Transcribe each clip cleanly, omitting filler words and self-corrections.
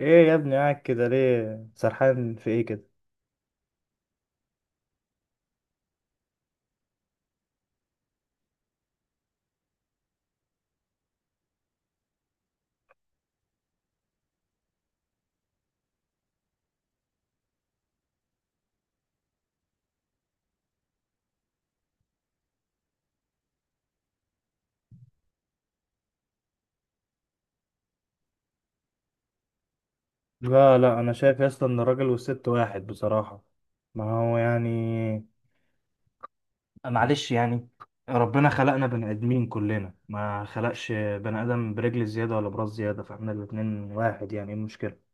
ايه يا ابني؟ قاعد كده ليه؟ سرحان في ايه كده؟ لا لا، انا شايف يا اسطى ان الراجل والست واحد بصراحة. ما هو يعني، معلش يعني، ربنا خلقنا بني ادمين كلنا، ما خلقش بني ادم برجل زيادة ولا براس زيادة، فاحنا الاتنين واحد، يعني ايه المشكلة؟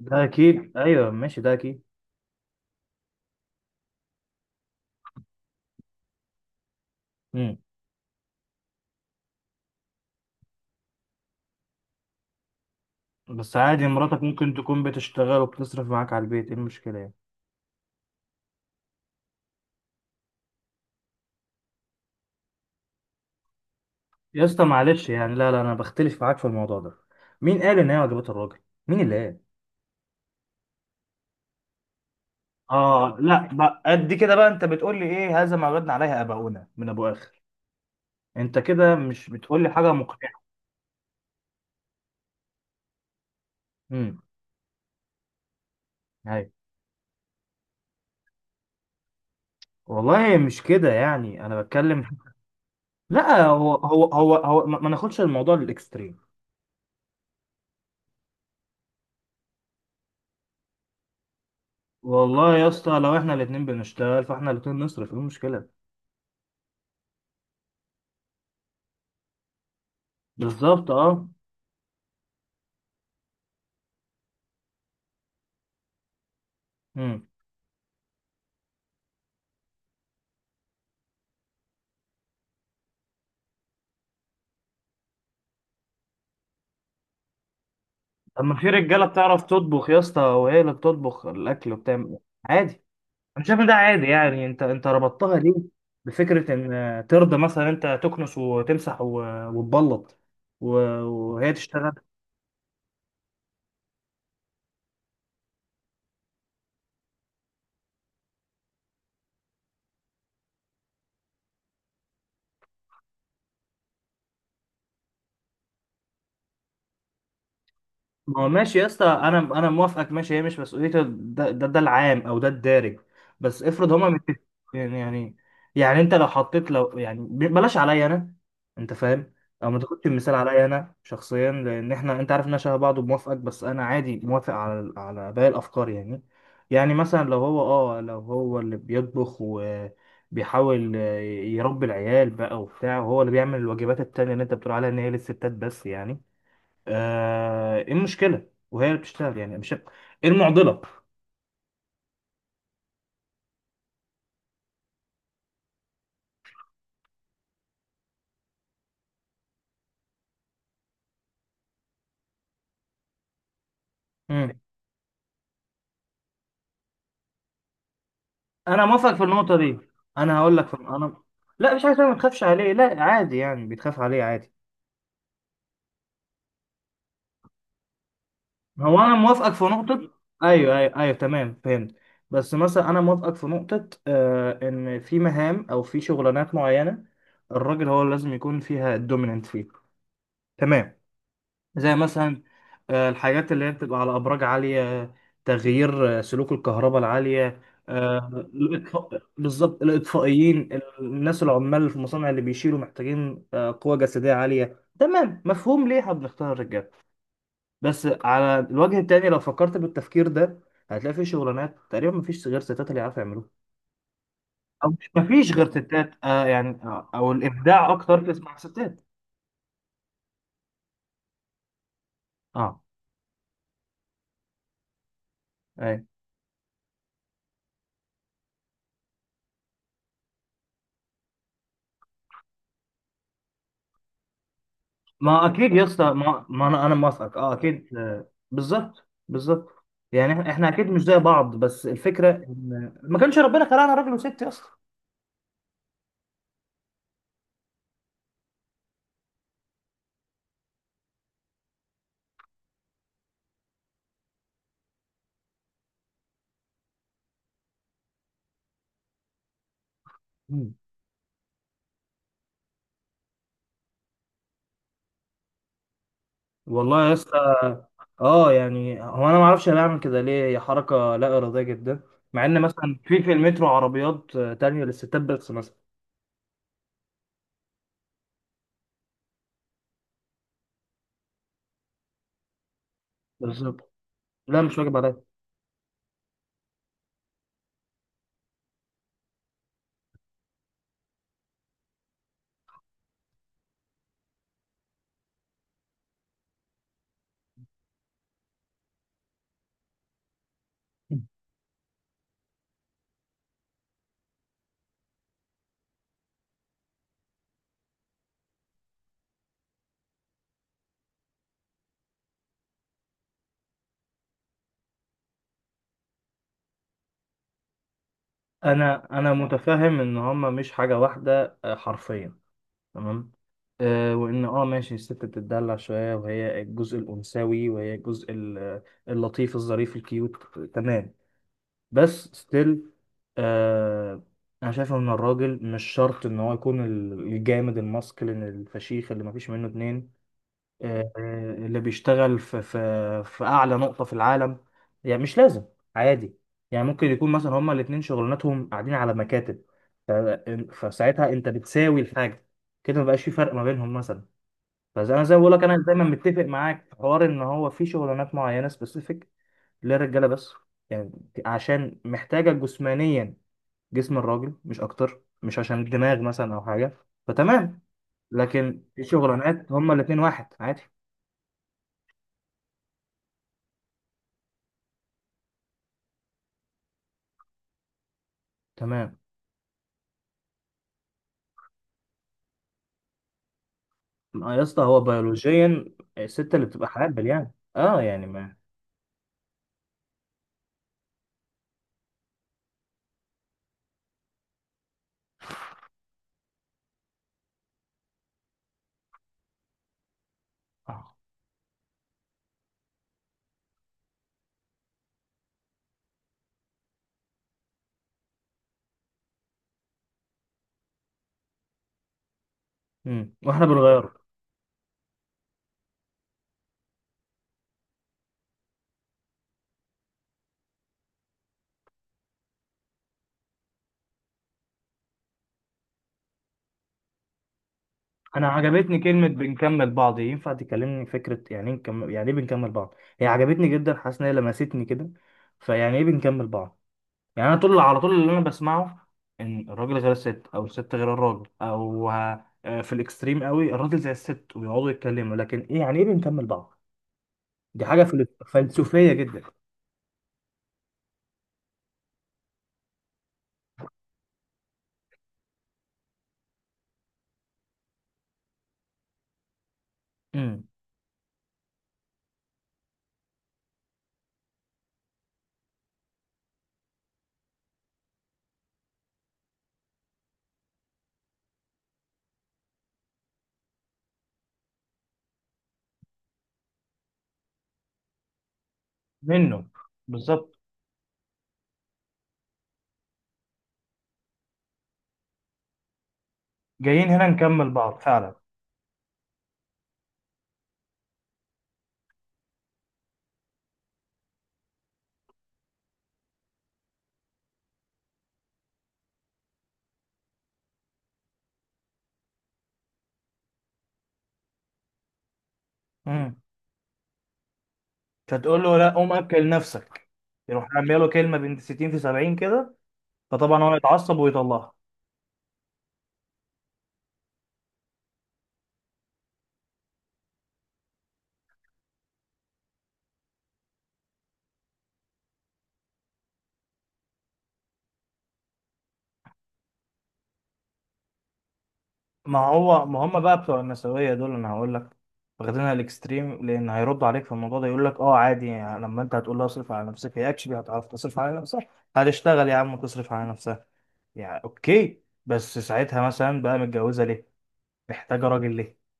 ده اكيد، ايوه ماشي، ده اكيد. امم بس عادي، مراتك ممكن تكون بتشتغل وبتصرف معاك على البيت، ايه المشكلة يعني؟ يا اسطى معلش يعني، لا لا، انا بختلف معاك في الموضوع ده. مين قال ان هي واجبات الراجل؟ مين اللي قال؟ اه، لا بقى، قد كده بقى انت بتقول لي ايه؟ "هذا ما وجدنا عليه اباؤنا" من ابو اخر؟ انت كده مش بتقول لي حاجه مقنعه. امم هاي، والله مش كده، يعني انا بتكلم. لا، هو ما ناخدش الموضوع للاكستريم. والله يا اسطى، لو احنا الاتنين بنشتغل فاحنا الاتنين نصرف، ايه المشكله؟ بالظبط، اه. امم اما في رجاله بتعرف تطبخ يا اسطى، وهي اللي بتطبخ الاكل وبتعمل عادي. انا شايف إن ده عادي، يعني انت ربطتها ليه بفكره ان ترضى مثلا انت تكنس وتمسح وتبلط و- وهي تشتغل؟ ما هو ماشي يا اسطى، انا موافقك، ماشي، هي مش مسؤوليته، ده العام او ده الدارج، بس افرض هما متفقين. يعني يعني يعني انت لو حطيت، بلاش عليا انا، انت فاهم، او ما تاخدش المثال عليا انا شخصيا، لان احنا انت عارف ان انا شبه بعض وموافقك، بس انا عادي موافق على باقي الافكار يعني. يعني مثلا لو هو، اه لو هو اللي بيطبخ وبيحاول يربي العيال بقى وبتاع، وهو اللي بيعمل الواجبات التانية اللي انت بتقول عليها ان هي للستات بس، يعني ايه المشكله وهي اللي بتشتغل؟ يعني مش ايه المعضله؟ امم انا موافق في النقطه دي. انا هقول لك، في انا، لا مش عايز أقول ما تخافش عليه، لا عادي يعني بيتخاف عليه عادي. هو انا موافقك في نقطه، ايوه ايوه ايوه، تمام فهمت. بس مثلا انا موافقك في نقطه ان في مهام او في شغلانات معينه الراجل هو اللي لازم يكون فيها الدوميننت فيه، تمام. زي مثلا، الحاجات اللي هي بتبقى على أبراج عالية، تغيير سلوك الكهرباء العالية، آه، الإطفاء بالظبط، الإطفائيين، الناس العمال في المصانع اللي بيشيلوا، محتاجين قوة جسدية عالية. تمام، مفهوم ليه احنا بنختار الرجال. بس على الوجه التاني لو فكرت بالتفكير ده، هتلاقي في شغلانات تقريبا مفيش غير ستات اللي يعرفوا يعملوها، أو مش مفيش غير ستات، أو الإبداع أكتر تسمع ستات. اه، أيوة. ما اكيد يا اسطى، ما انا موافقك، اه اكيد، بالظبط بالظبط. يعني احنا اكيد مش زي بعض، بس الفكره ان ما كانش ربنا خلقنا راجل وست يا اسطى. مم. والله يا اسطى، اه يعني هو انا ما اعرفش انا بعمل كده ليه، هي حركه لا اراديه جدا، مع ان مثلا في المترو عربيات تانية للستات بس مثلا. بالظبط، لا مش واجب عليا. انا متفهم ان هما مش حاجه واحده حرفيا، تمام. آه وان اه ماشي، الست بتتدلع شويه وهي الجزء الانثوي، وهي الجزء اللطيف الظريف الكيوت، تمام، بس ستيل، آه انا شايف ان الراجل مش شرط ان هو يكون الجامد الماسكلين الفشيخ اللي مفيش منه اتنين، اللي بيشتغل في في اعلى نقطة في العالم، يعني مش لازم، عادي. يعني ممكن يكون مثلا هما الاتنين شغلانتهم قاعدين على مكاتب، ف- فساعتها انت بتساوي الحاجة، كده مبقاش في فرق ما بينهم مثلا. فزي انا زي ما بقول لك، انا دايما متفق معاك في حوار ان هو في شغلانات معينة سبيسيفيك للرجالة بس، يعني عشان محتاجة جسمانيا، جسم الراجل مش اكتر، مش عشان الدماغ مثلا او حاجة. فتمام، لكن في شغلانات هما الاتنين واحد عادي. تمام، ما يا اسطى هو بيولوجيا الست اللي بتبقى حامل، يعني اه يعني ما، آه. واحنا بنغير. انا عجبتني كلمة بنكمل بعض، ينفع تكلمني فكرة يعني ايه نكمل، يعني ايه بنكمل بعض؟ هي عجبتني جدا، حاسس ان هي لمستني كده، فيعني ايه بنكمل بعض؟ يعني انا طول على طول اللي انا بسمعه ان الراجل غير الست، او الست غير الراجل، او في الاكستريم قوي الراجل زي الست ويقعدوا يتكلموا، لكن ايه يعني ايه بنكمل بعض؟ دي حاجة فلسفية جدا. مم. منه، بالظبط، جايين هنا نكمل بعض فعلا. امم مش هتقول له لا قوم اكل نفسك؟ يروح رامي له كلمه بنت 60 في 70 كده، فطبعا هو يتعصب ويطلعها. ما هو ما هم بقى بتوع النسويه دول، انا هقول لك، واخدينها الاكستريم، لان هيرد عليك في الموضوع ده يقول لك اه عادي يعني، لما انت هتقول لها اصرف على نفسك هي اكشلي هتعرف تصرف على نفسها، هتشتغل يا عم وتصرف على نفسها. يعني اوكي، بس ساعتها مثلا بقى متجوزه ليه؟ محتاجه راجل ليه؟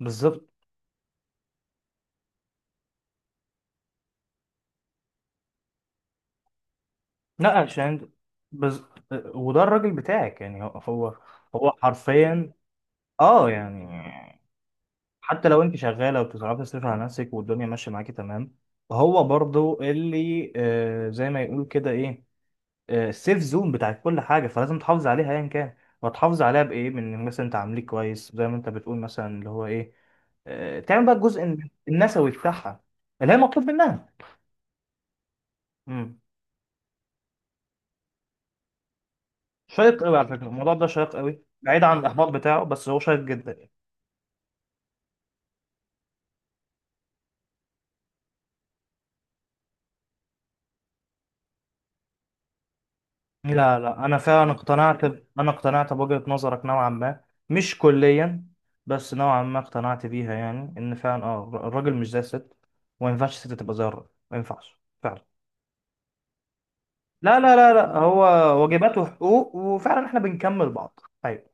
بالظبط. لا عشان، بز... وده الراجل بتاعك، يعني هو هو حرفيا. اه يعني حتى لو انت شغاله وبتصرفي تصرف على نفسك والدنيا ماشيه معاكي، تمام، هو برضو اللي زي ما يقول كده ايه، آه السيف زون بتاعت كل حاجه، فلازم تحافظ عليها ايا كان، وتحافظ عليها بايه؟ من مثلا انت عامليه كويس زي ما انت بتقول مثلا، اللي هو ايه، آه تعمل بقى الجزء النسوي بتاعها اللي هي مطلوب منها. مم. شيق قوي على فكره، الموضوع ده شيق قوي بعيد عن الاحباط بتاعه، بس هو شيق جدا. لا لا، انا فعلا اقتنعت انا اقتنعت بوجهة نظرك نوعا ما، مش كليا، بس نوعا ما اقتنعت بيها، يعني ان فعلا الراجل مش زي الست، وما ينفعش الست تبقى زي الراجل، ما ينفعش فعلا. لا لا لا لا، هو واجبات وحقوق، وفعلا احنا بنكمل بعض. ايوه،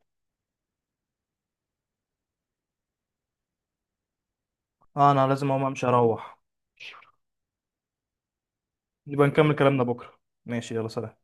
انا لازم اقوم امشي اروح. نبقى نكمل كلامنا بكره، ماشي يلا سلام.